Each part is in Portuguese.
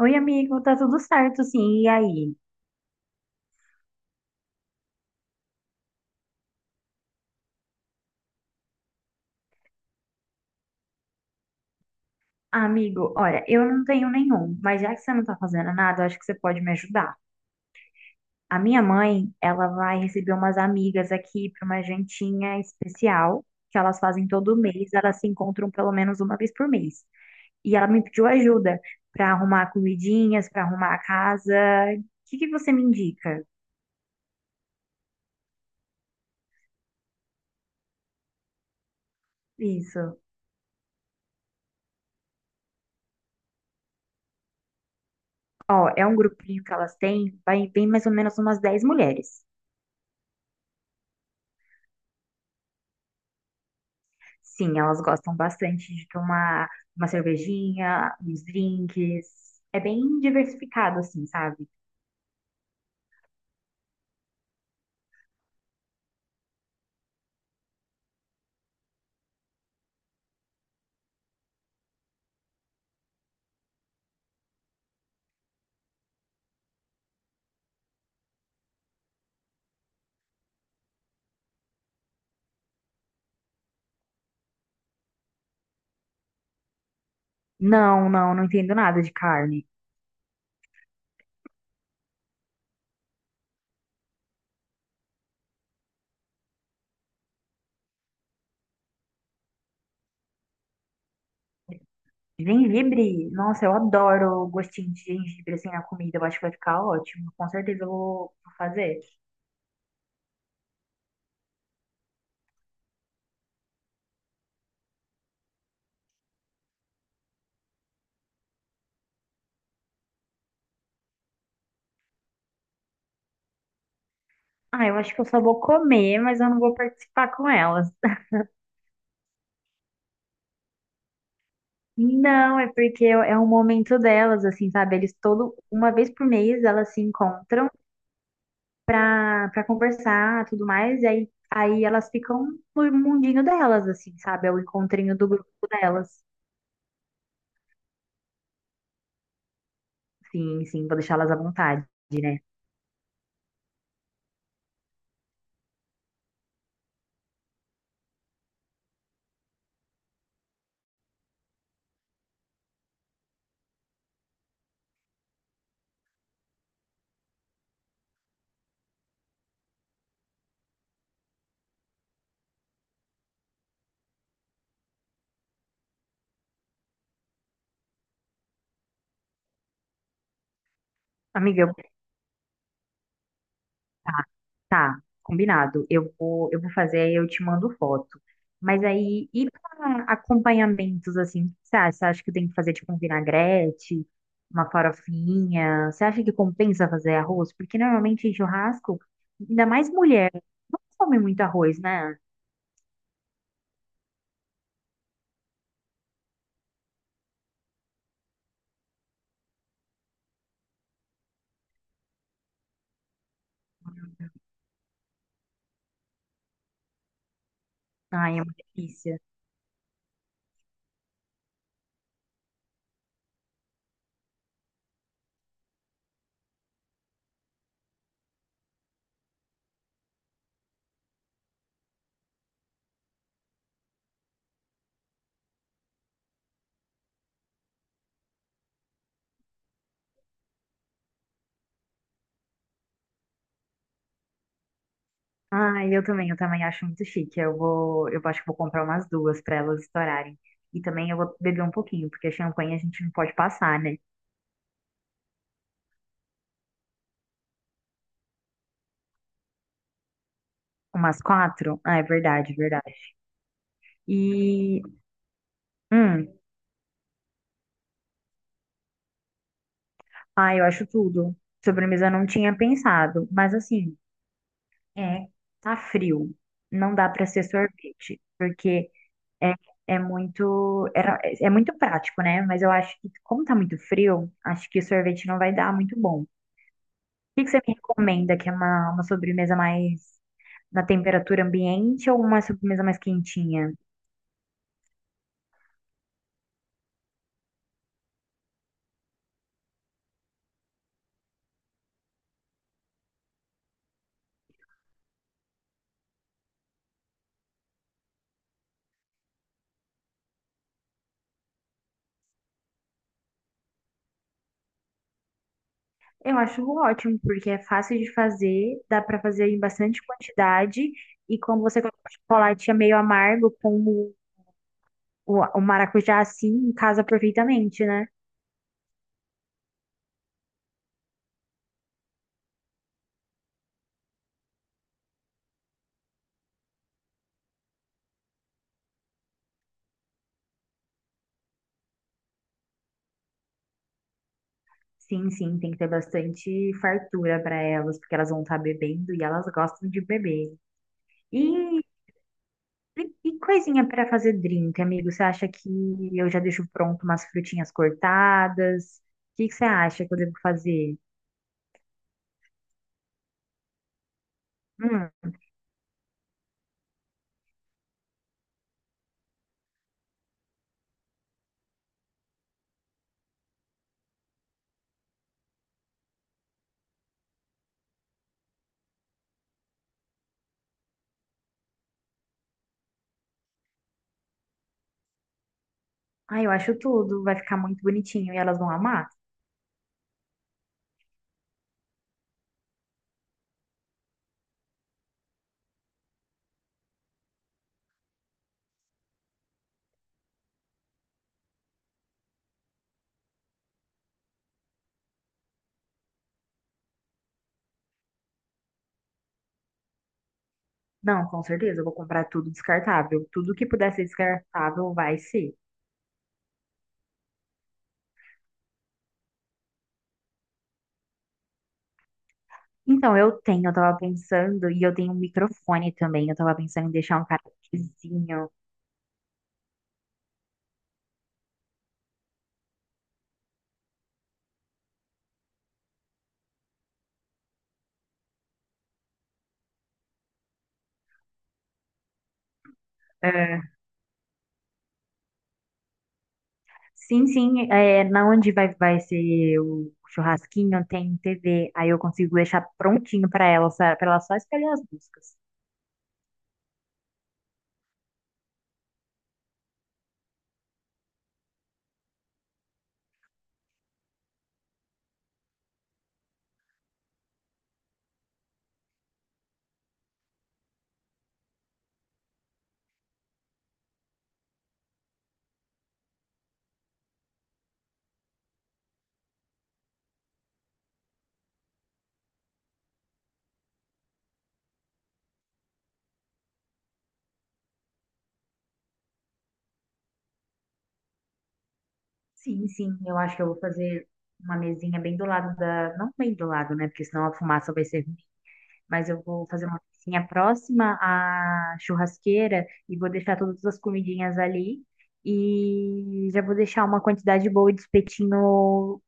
Oi, amigo, tá tudo certo, sim. E aí? Ah, amigo, olha, eu não tenho nenhum, mas já que você não tá fazendo nada, eu acho que você pode me ajudar. A minha mãe, ela vai receber umas amigas aqui para uma jantinha especial, que elas fazem todo mês, elas se encontram pelo menos uma vez por mês. E ela me pediu ajuda para arrumar comidinhas, para arrumar a casa. O que que você me indica? Isso. Ó, é um grupinho que elas têm, vai bem mais ou menos umas 10 mulheres. Sim, elas gostam bastante de tomar uma cervejinha, uns drinks. É bem diversificado, assim, sabe? Não, não, não entendo nada de carne. Gengibre, nossa, eu adoro o gostinho de gengibre, assim, na comida. Eu acho que vai ficar ótimo. Com certeza eu vou fazer. Ah, eu acho que eu só vou comer, mas eu não vou participar com elas. Não, é porque é um momento delas, assim, sabe? Eles todo, uma vez por mês elas se encontram pra conversar, tudo mais, e aí elas ficam no mundinho delas, assim, sabe? É o encontrinho do grupo delas. Sim, sim, vou deixá-las à vontade, né? Amiga, eu- tá, tá, combinado. Eu vou fazer, aí eu te mando foto. Mas aí, e pra acompanhamentos, assim, o que você acha? Você acha que tem que fazer, tipo, um vinagrete, uma farofinha? Você acha que compensa fazer arroz? Porque normalmente em churrasco, ainda mais mulher, não come muito arroz, né? Ai, é uma delícia. Ah, eu também acho muito chique. Eu acho que vou comprar umas duas para elas estourarem. E também eu vou beber um pouquinho, porque champanhe a gente não pode passar, né? Umas quatro? Ah, é verdade, verdade. E, hum, ah, eu acho tudo. Sobremesa eu não tinha pensado, mas assim, é, tá frio. Não dá para ser sorvete, porque é, é muito, é muito prático, né? Mas eu acho que como tá muito frio, acho que sorvete não vai dar muito bom. Que você me recomenda? Que é uma sobremesa mais na temperatura ambiente ou uma sobremesa mais quentinha? Eu acho ótimo, porque é fácil de fazer, dá pra fazer em bastante quantidade, e como você coloca o chocolate é meio amargo, como o maracujá assim, casa perfeitamente, né? Sim, sim, tem que ter bastante fartura para elas, porque elas vão estar bebendo e elas gostam de beber. E E, e coisinha para fazer drink, amigo? Você acha que eu já deixo pronto umas frutinhas cortadas? O que que você acha que eu devo fazer? Hum, ah, eu acho tudo. Vai ficar muito bonitinho e elas vão amar? Não, com certeza. Eu vou comprar tudo descartável. Tudo que puder ser descartável vai ser. Então, eu tenho, eu tava pensando, e eu tenho um microfone também. Eu tava pensando em deixar um catezinho. Sim, sim, é, na onde vai, vai ser o churrasquinho tem TV, aí eu consigo deixar prontinho para ela só escolher as buscas. Sim, sim, eu acho que eu vou fazer uma mesinha bem do lado da, não bem do lado, né? Porque senão a fumaça vai ser, mas eu vou fazer uma cozinha próxima à churrasqueira e vou deixar todas as comidinhas ali. E já vou deixar uma quantidade boa de espetinho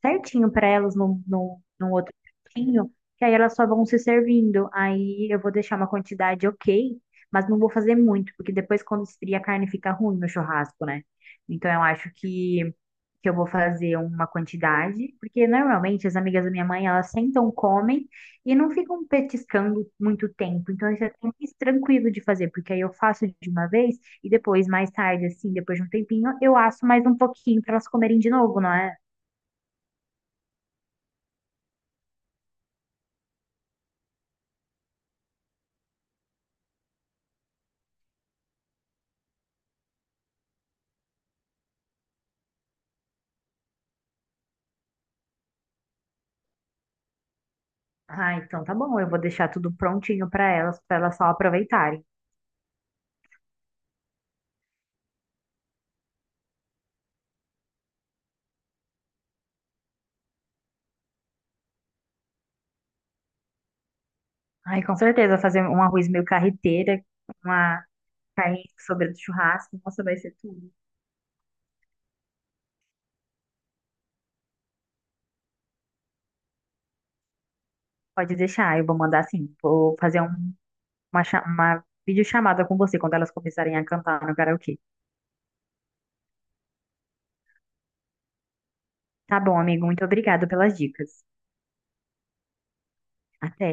certinho para elas num outro cantinho, que aí elas só vão se servindo. Aí eu vou deixar uma quantidade ok, mas não vou fazer muito, porque depois quando esfria a carne fica ruim no churrasco, né? Então eu acho que eu vou fazer uma quantidade, porque normalmente as amigas da minha mãe, elas sentam, comem e não ficam petiscando muito tempo. Então isso é até mais tranquilo de fazer, porque aí eu faço de uma vez e depois, mais tarde, assim, depois de um tempinho, eu asso mais um pouquinho para elas comerem de novo, não é? Ah, então tá bom, eu vou deixar tudo prontinho para elas só aproveitarem. Ai, com certeza, fazer um arroz meio carreteira, uma carne sobre do churrasco, nossa, vai ser tudo. Pode deixar, eu vou mandar assim, vou fazer um uma videochamada com você quando elas começarem a cantar no karaokê. Tá bom, amigo, muito obrigado pelas dicas. Até.